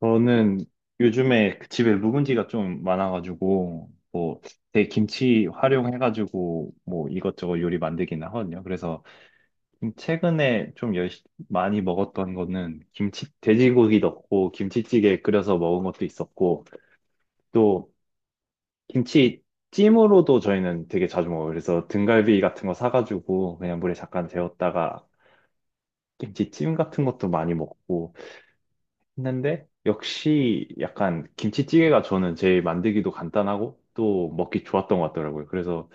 저는 요즘에 그 집에 묵은지가 좀 많아가지고, 뭐, 제 김치 활용해가지고, 뭐, 이것저것 요리 만들긴 하거든요. 그래서, 좀 최근에 많이 먹었던 거는, 김치, 돼지고기 넣고, 김치찌개 끓여서 먹은 것도 있었고, 또, 김치찜으로도 저희는 되게 자주 먹어요. 그래서 등갈비 같은 거 사가지고, 그냥 물에 잠깐 데웠다가, 김치찜 같은 것도 많이 먹고, 했는데 역시 약간 김치찌개가 저는 제일 만들기도 간단하고 또 먹기 좋았던 것 같더라고요. 그래서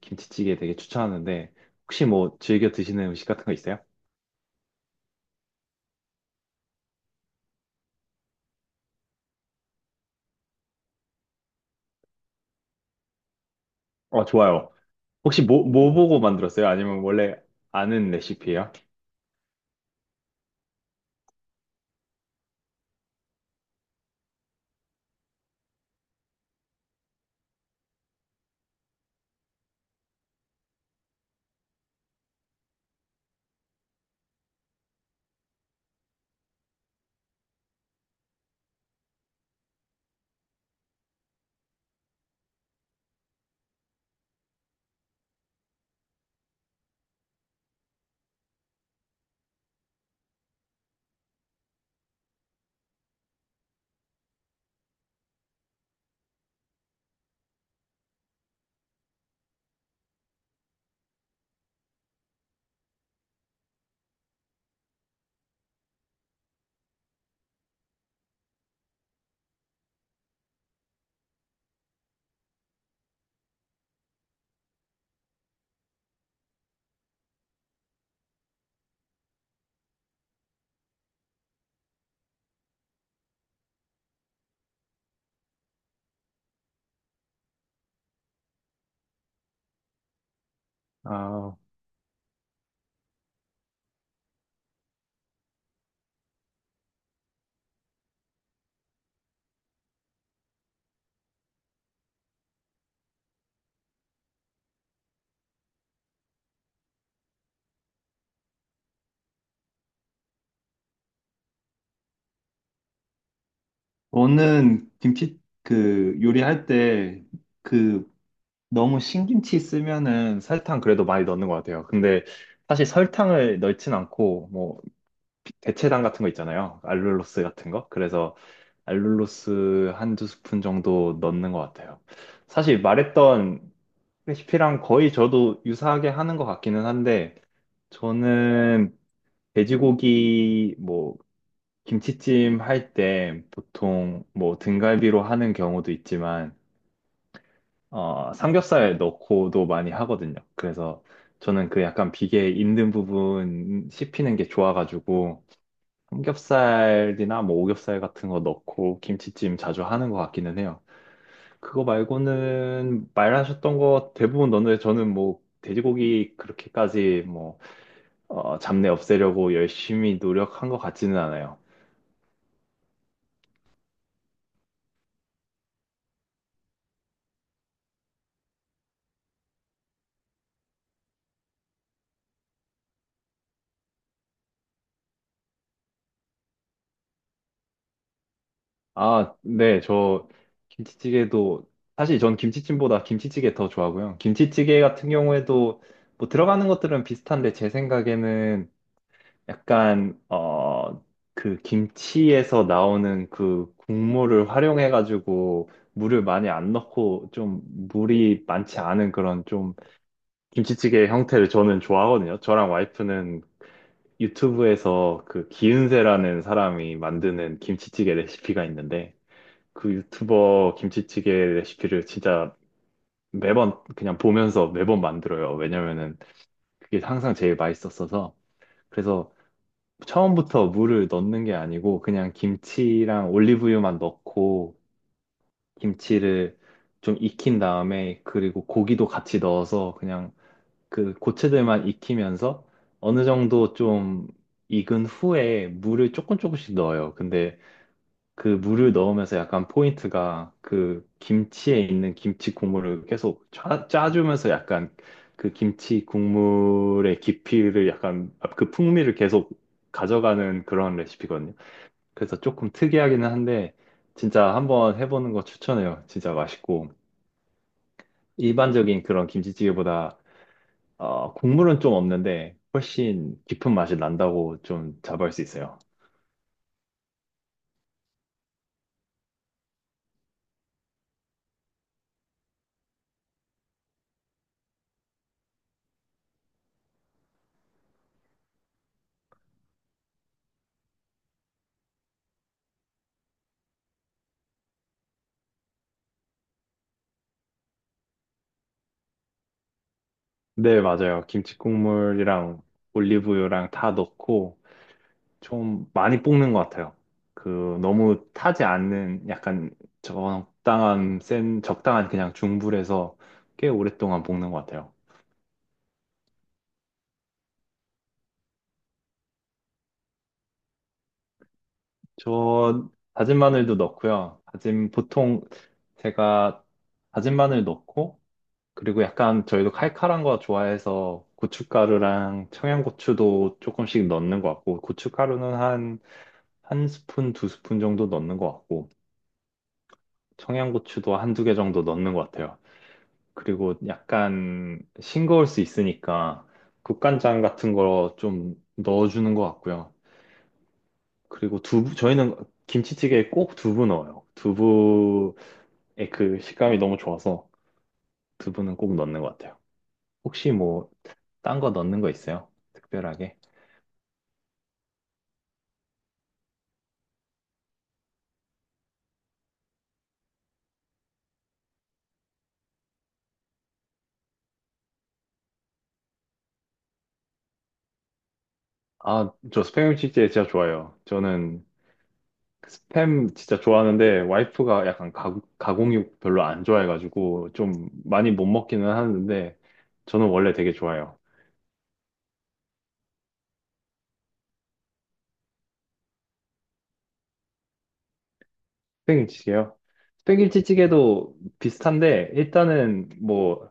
김치찌개 되게 추천하는데 혹시 뭐 즐겨 드시는 음식 같은 거 있어요? 어, 좋아요. 혹시 뭐, 뭐 보고 만들었어요? 아니면 원래 아는 레시피예요? 아, 저는 김치 그 요리할 때 그 너무 신김치 쓰면은 설탕 그래도 많이 넣는 것 같아요. 근데 사실 설탕을 넣진 않고 뭐 대체당 같은 거 있잖아요. 알룰로스 같은 거. 그래서 알룰로스 한 두 스푼 정도 넣는 것 같아요. 사실 말했던 레시피랑 거의 저도 유사하게 하는 것 같기는 한데, 저는 돼지고기 뭐 김치찜 할 때 보통 뭐 등갈비로 하는 경우도 있지만, 어, 삼겹살 넣고도 많이 하거든요. 그래서 저는 그 약간 비계 있는 부분 씹히는 게 좋아가지고, 삼겹살이나 뭐 오겹살 같은 거 넣고 김치찜 자주 하는 것 같기는 해요. 그거 말고는 말하셨던 거 대부분 넣는데 저는 뭐 돼지고기 그렇게까지 뭐 어, 잡내 없애려고 열심히 노력한 것 같지는 않아요. 아, 네, 저 김치찌개도 사실 전 김치찜보다 김치찌개 더 좋아하고요. 김치찌개 같은 경우에도 뭐 들어가는 것들은 비슷한데 제 생각에는 약간 어 그 김치에서 나오는 그 국물을 활용해 가지고 물을 많이 안 넣고 좀 물이 많지 않은 그런 좀 김치찌개 형태를 저는 좋아하거든요. 저랑 와이프는 유튜브에서 그 기은세라는 사람이 만드는 김치찌개 레시피가 있는데 그 유튜버 김치찌개 레시피를 진짜 매번 그냥 보면서 매번 만들어요. 왜냐면은 그게 항상 제일 맛있었어서 그래서 처음부터 물을 넣는 게 아니고 그냥 김치랑 올리브유만 넣고 김치를 좀 익힌 다음에 그리고 고기도 같이 넣어서 그냥 그 고체들만 익히면서 어느 정도 좀 익은 후에 물을 조금 조금씩 넣어요. 근데 그 물을 넣으면서 약간 포인트가 그 김치에 있는 김치 국물을 계속 짜주면서 약간 그 김치 국물의 깊이를 약간 그 풍미를 계속 가져가는 그런 레시피거든요. 그래서 조금 특이하기는 한데 진짜 한번 해보는 거 추천해요. 진짜 맛있고 일반적인 그런 김치찌개보다 어, 국물은 좀 없는데 훨씬 깊은 맛이 난다고 좀 자부할 수 있어요. 네, 맞아요. 김치 국물이랑 올리브유랑 다 넣고 좀 많이 볶는 것 같아요. 그 너무 타지 않는 약간 적당한 센 적당한 그냥 중불에서 꽤 오랫동안 볶는 것 같아요. 저 다진 마늘도 넣고요. 다진 보통 제가 다진 마늘 넣고 그리고 약간 저희도 칼칼한 거 좋아해서 고춧가루랑 청양고추도 조금씩 넣는 것 같고 고춧가루는 한 스푼 두 스푼 정도 넣는 것 같고 청양고추도 한 두 개 정도 넣는 것 같아요. 그리고 약간 싱거울 수 있으니까 국간장 같은 거 좀 넣어주는 것 같고요. 그리고 두부 저희는 김치찌개에 꼭 두부 넣어요. 예, 그 식감이 너무 좋아서 두부는 꼭 넣는 것 같아요. 혹시 뭐, 딴 거 넣는 거 있어요? 특별하게? 아, 저 스팸 치즈 진짜 좋아요. 저는 그 스팸 진짜 좋아하는데, 와이프가 약간 가공육 별로 안 좋아해가지고, 좀 많이 못 먹기는 하는데, 저는 원래 되게 좋아요. 스팸김치찌개요? 스팸김치찌개도 비슷한데, 일단은 뭐,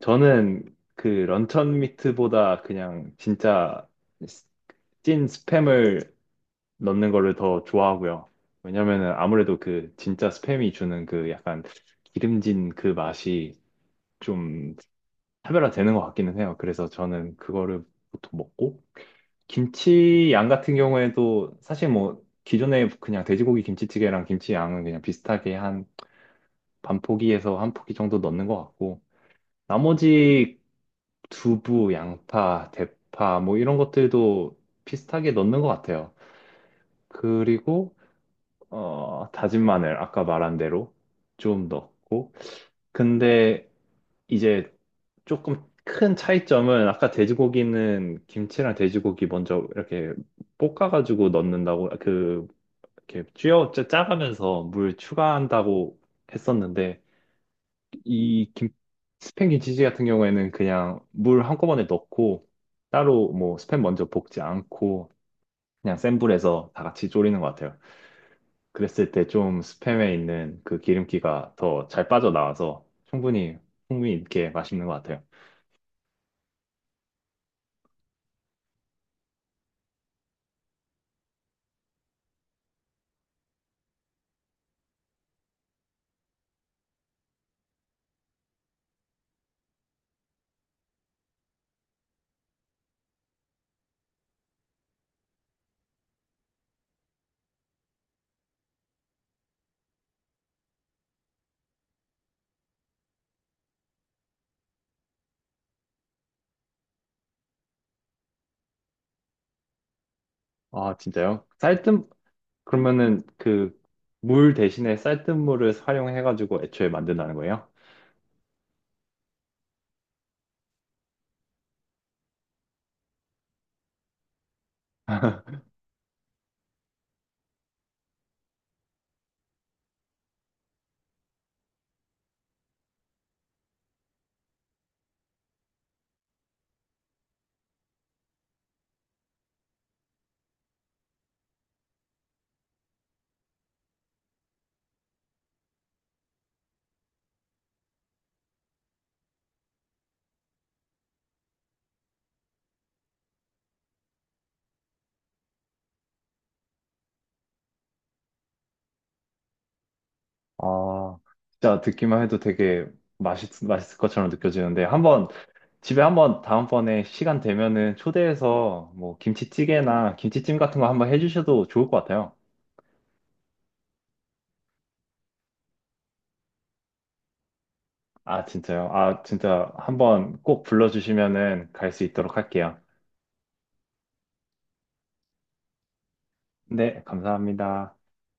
저는 그 런천 미트보다 그냥 진짜 찐 스팸을 넣는 거를 더 좋아하고요. 왜냐면은 아무래도 그 진짜 스팸이 주는 그 약간 기름진 그 맛이 좀 차별화되는 것 같기는 해요. 그래서 저는 그거를 보통 먹고 김치 양 같은 경우에도 사실 뭐 기존에 그냥 돼지고기 김치찌개랑 김치 양은 그냥 비슷하게 한 반 포기에서 한 포기 정도 넣는 것 같고 나머지 두부, 양파, 대파 뭐 이런 것들도 비슷하게 넣는 것 같아요. 그리고 어, 다진 마늘, 아까 말한 대로 좀 넣고. 근데 이제 조금 큰 차이점은 아까 돼지고기는 김치랑 돼지고기 먼저 이렇게 볶아가지고 넣는다고, 그, 이렇게 쥐어 짜가면서 물 추가한다고 했었는데, 이 김, 스팸 김치찌개 같은 경우에는 그냥 물 한꺼번에 넣고, 따로 뭐 스팸 먼저 볶지 않고, 그냥 센 불에서 다 같이 졸이는 것 같아요. 그랬을 때 좀 스팸에 있는 그 기름기가 더 잘 빠져나와서 충분히, 풍미 있게 맛있는 것 같아요. 아, 진짜요? 그러면은 그 물 대신에 쌀뜨물을 활용해가지고 애초에 만든다는 거예요? 아, 진짜 듣기만 해도 되게 맛있을 것처럼 느껴지는데, 한번, 집에 한번 다음번에 시간 되면은 초대해서 뭐 김치찌개나 김치찜 같은 거 한번 해주셔도 좋을 것 같아요. 아, 진짜요? 아, 진짜 한번 꼭 불러주시면은 갈 수 있도록 할게요. 네, 감사합니다.